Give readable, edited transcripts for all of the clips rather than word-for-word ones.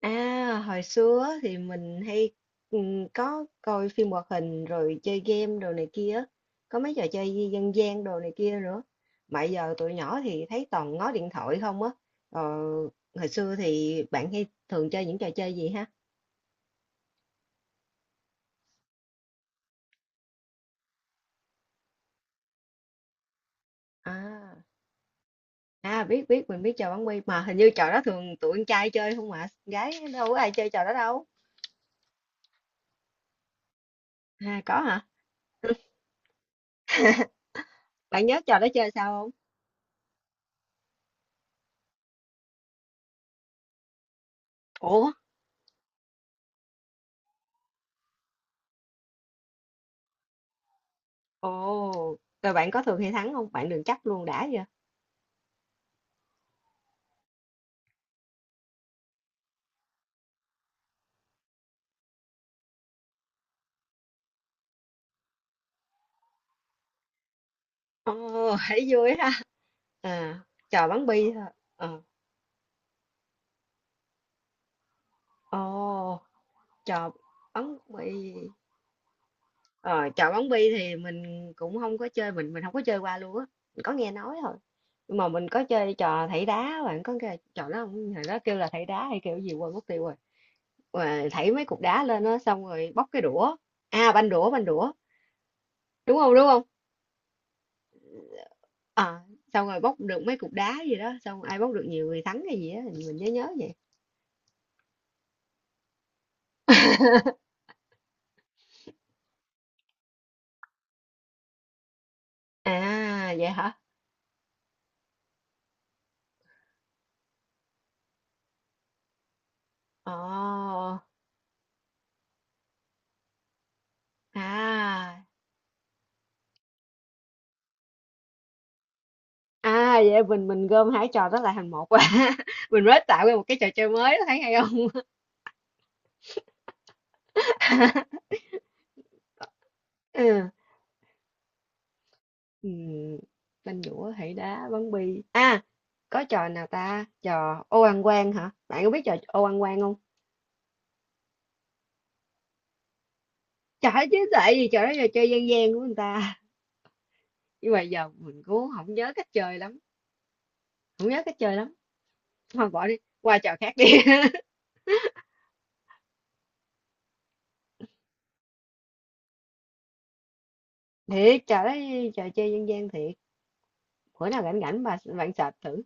À, hồi xưa á thì mình hay có coi phim hoạt hình rồi chơi game đồ này kia, á. Có mấy trò chơi dân dân gian đồ này kia nữa. Mà giờ tụi nhỏ thì thấy toàn ngó điện thoại không á. Ờ, hồi xưa thì bạn hay thường chơi những trò chơi gì ha? À, à, biết biết mình biết trò bắn bi mà hình như trò đó thường tụi con trai chơi không mà gái đâu có ai chơi trò đó đâu. À có hả? Bạn nhớ trò đó chơi sao không? Ủa? Ồ, rồi bạn có thường hay thắng không? Bạn đừng chắc luôn đã. Ồ, thấy vui ha. À, trò bắn bi thôi. Ờ. Ồ, chò bắn bi. Ờ, chò bắn bi thì mình cũng không có chơi, mình không có chơi qua luôn á. Mình có nghe nói thôi. Nhưng mà mình có chơi trò thảy đá, bạn có nghe trò đó không? Hồi đó kêu là thảy đá hay kêu gì quên mất tiêu rồi. Mà thảy mấy cục đá lên á xong rồi bóc cái đũa. À banh đũa, banh đũa. Đúng không? Đúng không? À, xong rồi bóc được mấy cục đá gì đó, xong ai bóc được nhiều người thắng hay gì á, mình nhớ nhớ vậy. À, vậy hả? Ồ, à. À, vậy mình gom hai trò đó lại thành một quá. Mình mới tạo ra một cái trò chơi mới, thấy hay không? Ừ. Ừm, Banh dũa, hỷ đá, bắn bi. À, có trò nào ta? Trò ô ăn quan hả? Bạn có biết trò ô ăn quan không? Trời ơi, chứ tại vì trò đó trò chơi dân gian của người ta. Nhưng mà giờ mình cũng không nhớ cách chơi lắm. Không nhớ cách chơi lắm. Thôi bỏ đi, qua trò khác đi. Thiệt, trò đó trò chơi dân gian thiệt. Bữa nào rảnh rảnh bà bạn sạch thử.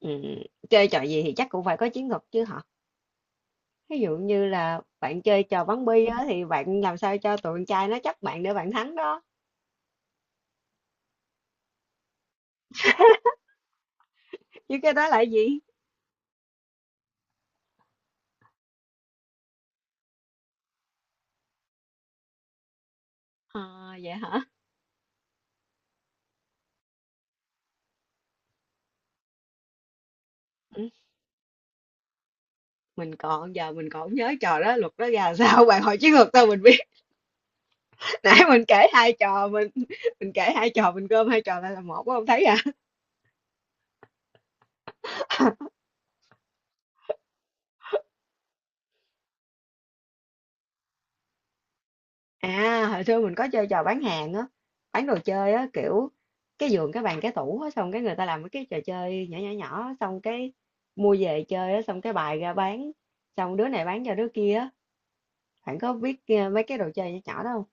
Ừm, chơi trò gì thì chắc cũng phải có chiến thuật chứ hả? Ví dụ như là bạn chơi trò bắn bi á, thì bạn làm sao cho tụi con trai nó chấp bạn để bạn thắng đó, chứ cái đó là gì? Ờ, vậy hả? Ừm, mình còn giờ mình còn không nhớ trò đó, luật đó ra làm sao, bạn hỏi chiến thuật sao mình biết. Nãy mình kể hai trò, mình kể hai trò mình gom hai trò lại là một có không thấy à? À, hồi xưa mình có chơi trò bán hàng á, bán đồ chơi á, kiểu cái giường, cái bàn, cái tủ á, xong cái người ta làm mấy cái trò chơi nhỏ nhỏ nhỏ, xong cái mua về chơi á, xong cái bài ra bán, xong đứa này bán cho đứa kia á, bạn có biết mấy cái đồ chơi nhỏ nhỏ đó không?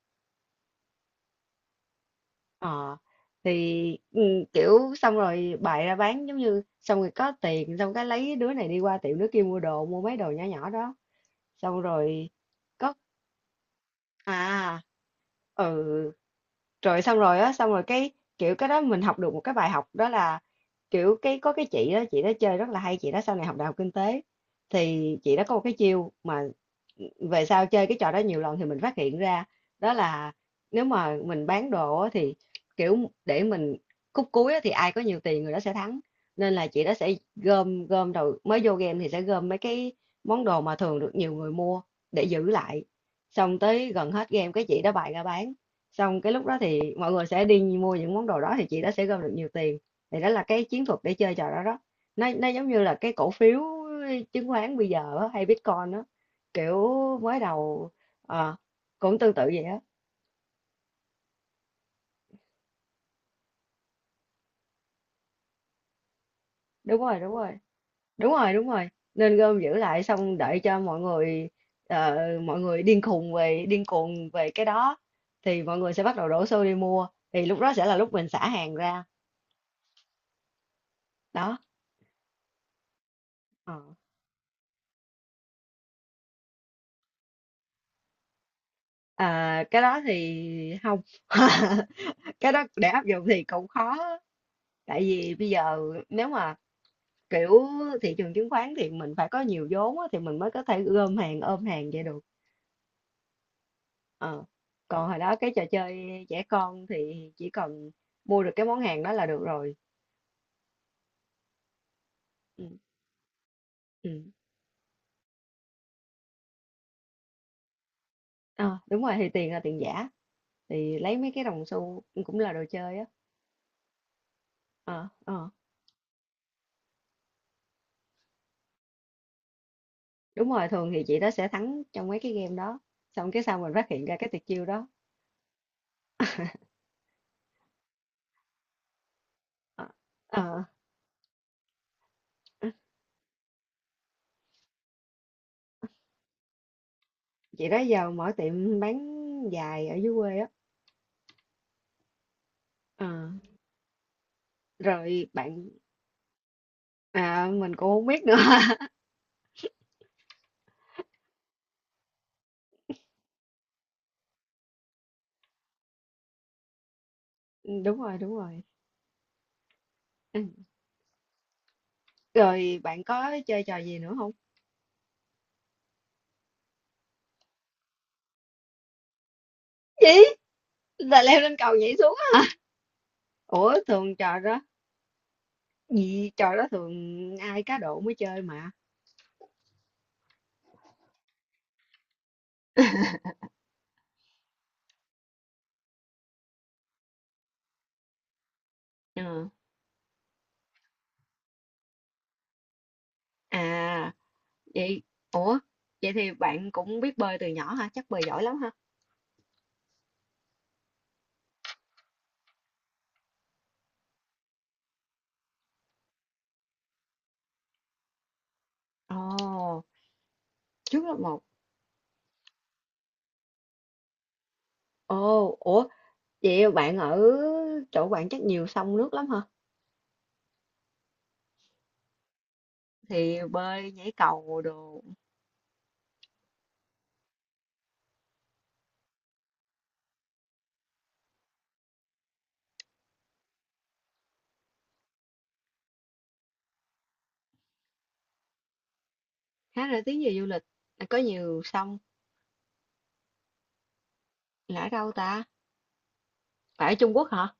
Ờ, thì kiểu xong rồi bài ra bán giống như xong rồi có tiền, xong cái lấy đứa này đi qua tiệm đứa kia mua đồ, mua mấy đồ nhỏ nhỏ đó, xong rồi có à ừ rồi xong rồi á xong rồi cái kiểu cái đó mình học được một cái bài học đó là kiểu cái có cái chị đó chơi rất là hay, chị đó sau này học đại học kinh tế, thì chị đó có một cái chiêu mà về sau chơi cái trò đó nhiều lần thì mình phát hiện ra đó là nếu mà mình bán đồ á, thì kiểu để mình khúc cuối á, thì ai có nhiều tiền người đó sẽ thắng, nên là chị đó sẽ gom gom đầu mới vô game thì sẽ gom mấy cái món đồ mà thường được nhiều người mua để giữ lại, xong tới gần hết game cái chị đó bày ra bán, xong cái lúc đó thì mọi người sẽ đi mua những món đồ đó thì chị đó sẽ gom được nhiều tiền. Thì đó là cái chiến thuật để chơi trò đó đó. Nó giống như là cái cổ phiếu chứng khoán bây giờ á, hay Bitcoin đó, kiểu mới đầu ờ, cũng tương tự vậy á. Đúng rồi đúng rồi. Đúng rồi đúng rồi. Nên gom giữ lại xong đợi cho mọi người ờ, mọi người điên khùng về điên cuồng về cái đó thì mọi người sẽ bắt đầu đổ xô đi mua, thì lúc đó sẽ là lúc mình xả hàng ra đó. Ờ. À, cái đó thì không. Cái đó để áp dụng thì cũng khó, tại vì bây giờ nếu mà kiểu thị trường chứng khoán thì mình phải có nhiều vốn á, thì mình mới có thể gom hàng ôm hàng vậy được. Ờ. Còn hồi đó cái trò chơi trẻ con thì chỉ cần mua được cái món hàng đó là được rồi. Ừ. Ừ. Ờ, đúng rồi thì tiền là tiền giả, thì lấy mấy cái đồng xu cũng là đồ chơi á. Ờ, ờ. Đúng rồi, thường thì chị đó sẽ thắng trong mấy cái game đó, xong cái sau mình phát hiện ra cái tuyệt chiêu đó. Ờ. Ờ. Chị đó giờ mở tiệm bán giày ở dưới quê á. Ờ, rồi bạn à, mình cũng không biết nữa. Đúng rồi đúng rồi. Ừ. Rồi bạn có chơi trò gì nữa không? Gì là leo lên cầu nhảy xuống á? Ủa thường trò đó, gì trò đó thường ai cá độ mới chơi mà. Ừ. À vậy, ủa vậy thì bạn cũng biết bơi từ nhỏ hả? Chắc bơi giỏi lắm hả? Ồ, trước lớp một. Ồ, ủa vậy bạn ở chỗ bạn chắc nhiều sông nước lắm hả? Thì bơi nhảy cầu đồ. Khá là tiếng về du lịch. À, có nhiều sông, là ở đâu ta, phải ở Trung Quốc hả?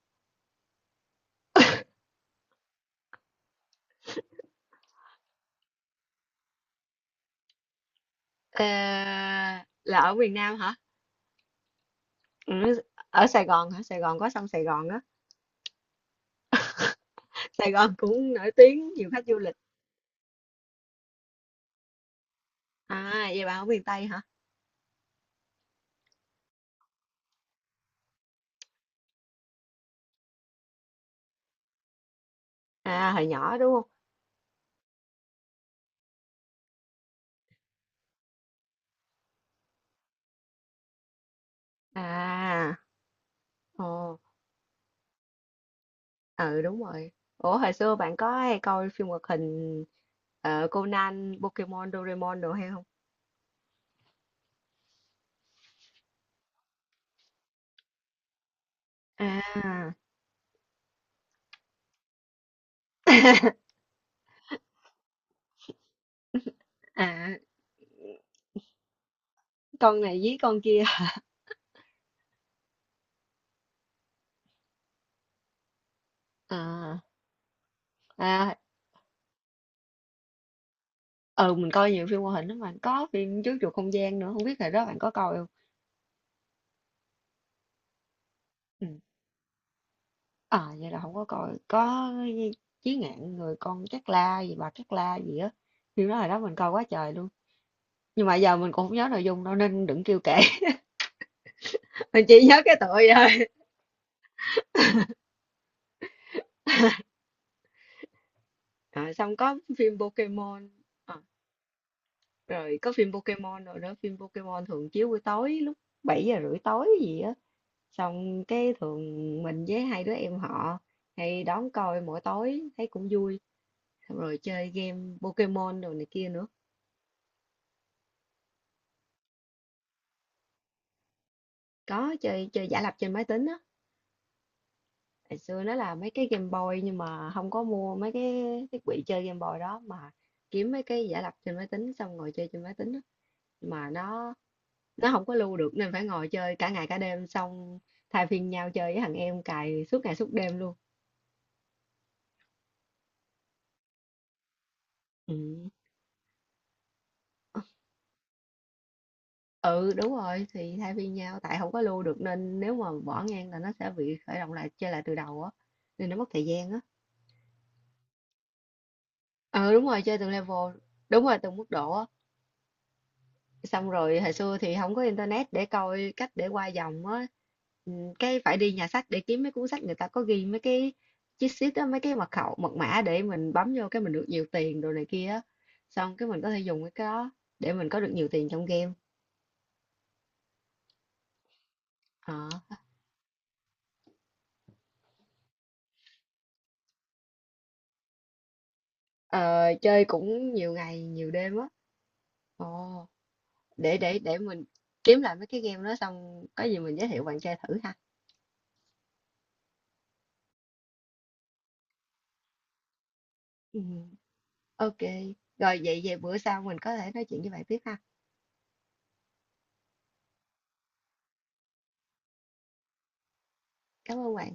Ờ, là ở miền Nam hả? Ừ, ở Sài Gòn hả? Sài Gòn có sông Sài Gòn á, Sài Gòn cũng nổi tiếng nhiều khách du lịch. À vậy bà ở miền Tây hả? À hồi nhỏ đúng không? À. Ồ. Ừ đúng rồi. Ủa hồi xưa bạn có hay coi phim hoạt hình Conan, Pokemon, Doraemon đồ hay không? À. À, con này với con kia. À. À, ừ mình coi nhiều phim hoạt hình lắm, mà có phim Chú Chuột Không Gian nữa không biết hồi đó bạn có coi không? Ừ. À vậy là không có coi. Có Chí Ngạn người con Cát La gì bà Cát La gì á, phim đó hồi đó mình coi quá trời luôn, nhưng mà giờ mình cũng không nhớ nội dung đâu nên đừng kêu kể. Mình chỉ nhớ cái tựa vậy thôi. À, xong có phim Pokemon. À, rồi có phim Pokemon, rồi đó phim Pokemon thường chiếu buổi tối lúc 7:30 tối gì á, xong cái thường mình với hai đứa em họ hay đón coi mỗi tối thấy cũng vui, xong rồi chơi game Pokemon đồ này kia nữa. Có chơi chơi giả lập trên máy tính á. Ngày xưa nó là mấy cái Game Boy nhưng mà không có mua mấy cái thiết bị chơi Game Boy đó mà kiếm mấy cái giả lập trên máy tính xong ngồi chơi trên máy tính á, mà nó không có lưu được nên phải ngồi chơi cả ngày cả đêm, xong thay phiên nhau chơi với thằng em cài suốt ngày suốt đêm luôn. Ừ. Ừ đúng rồi, thì thay phiên nhau tại không có lưu được, nên nếu mà bỏ ngang là nó sẽ bị khởi động lại chơi lại từ đầu á, nên nó mất thời gian á. Ờ đúng rồi, chơi từng level, đúng rồi từng mức độ á. Xong rồi hồi xưa thì không có internet để coi cách để qua vòng á. Ừ, cái phải đi nhà sách để kiếm mấy cuốn sách người ta có ghi mấy cái cheat sheet á, mấy cái mật khẩu, mật mã để mình bấm vô cái mình được nhiều tiền đồ này kia á. Xong cái mình có thể dùng cái đó để mình có được nhiều tiền trong game. Ờ. Ờ, chơi cũng nhiều ngày, nhiều đêm á. Ồ, để mình kiếm lại mấy cái game đó xong có gì mình giới thiệu bạn chơi thử ha. Ừ. Ok, rồi vậy về bữa sau mình có thể nói chuyện với bạn tiếp ha. Cảm ơn bạn.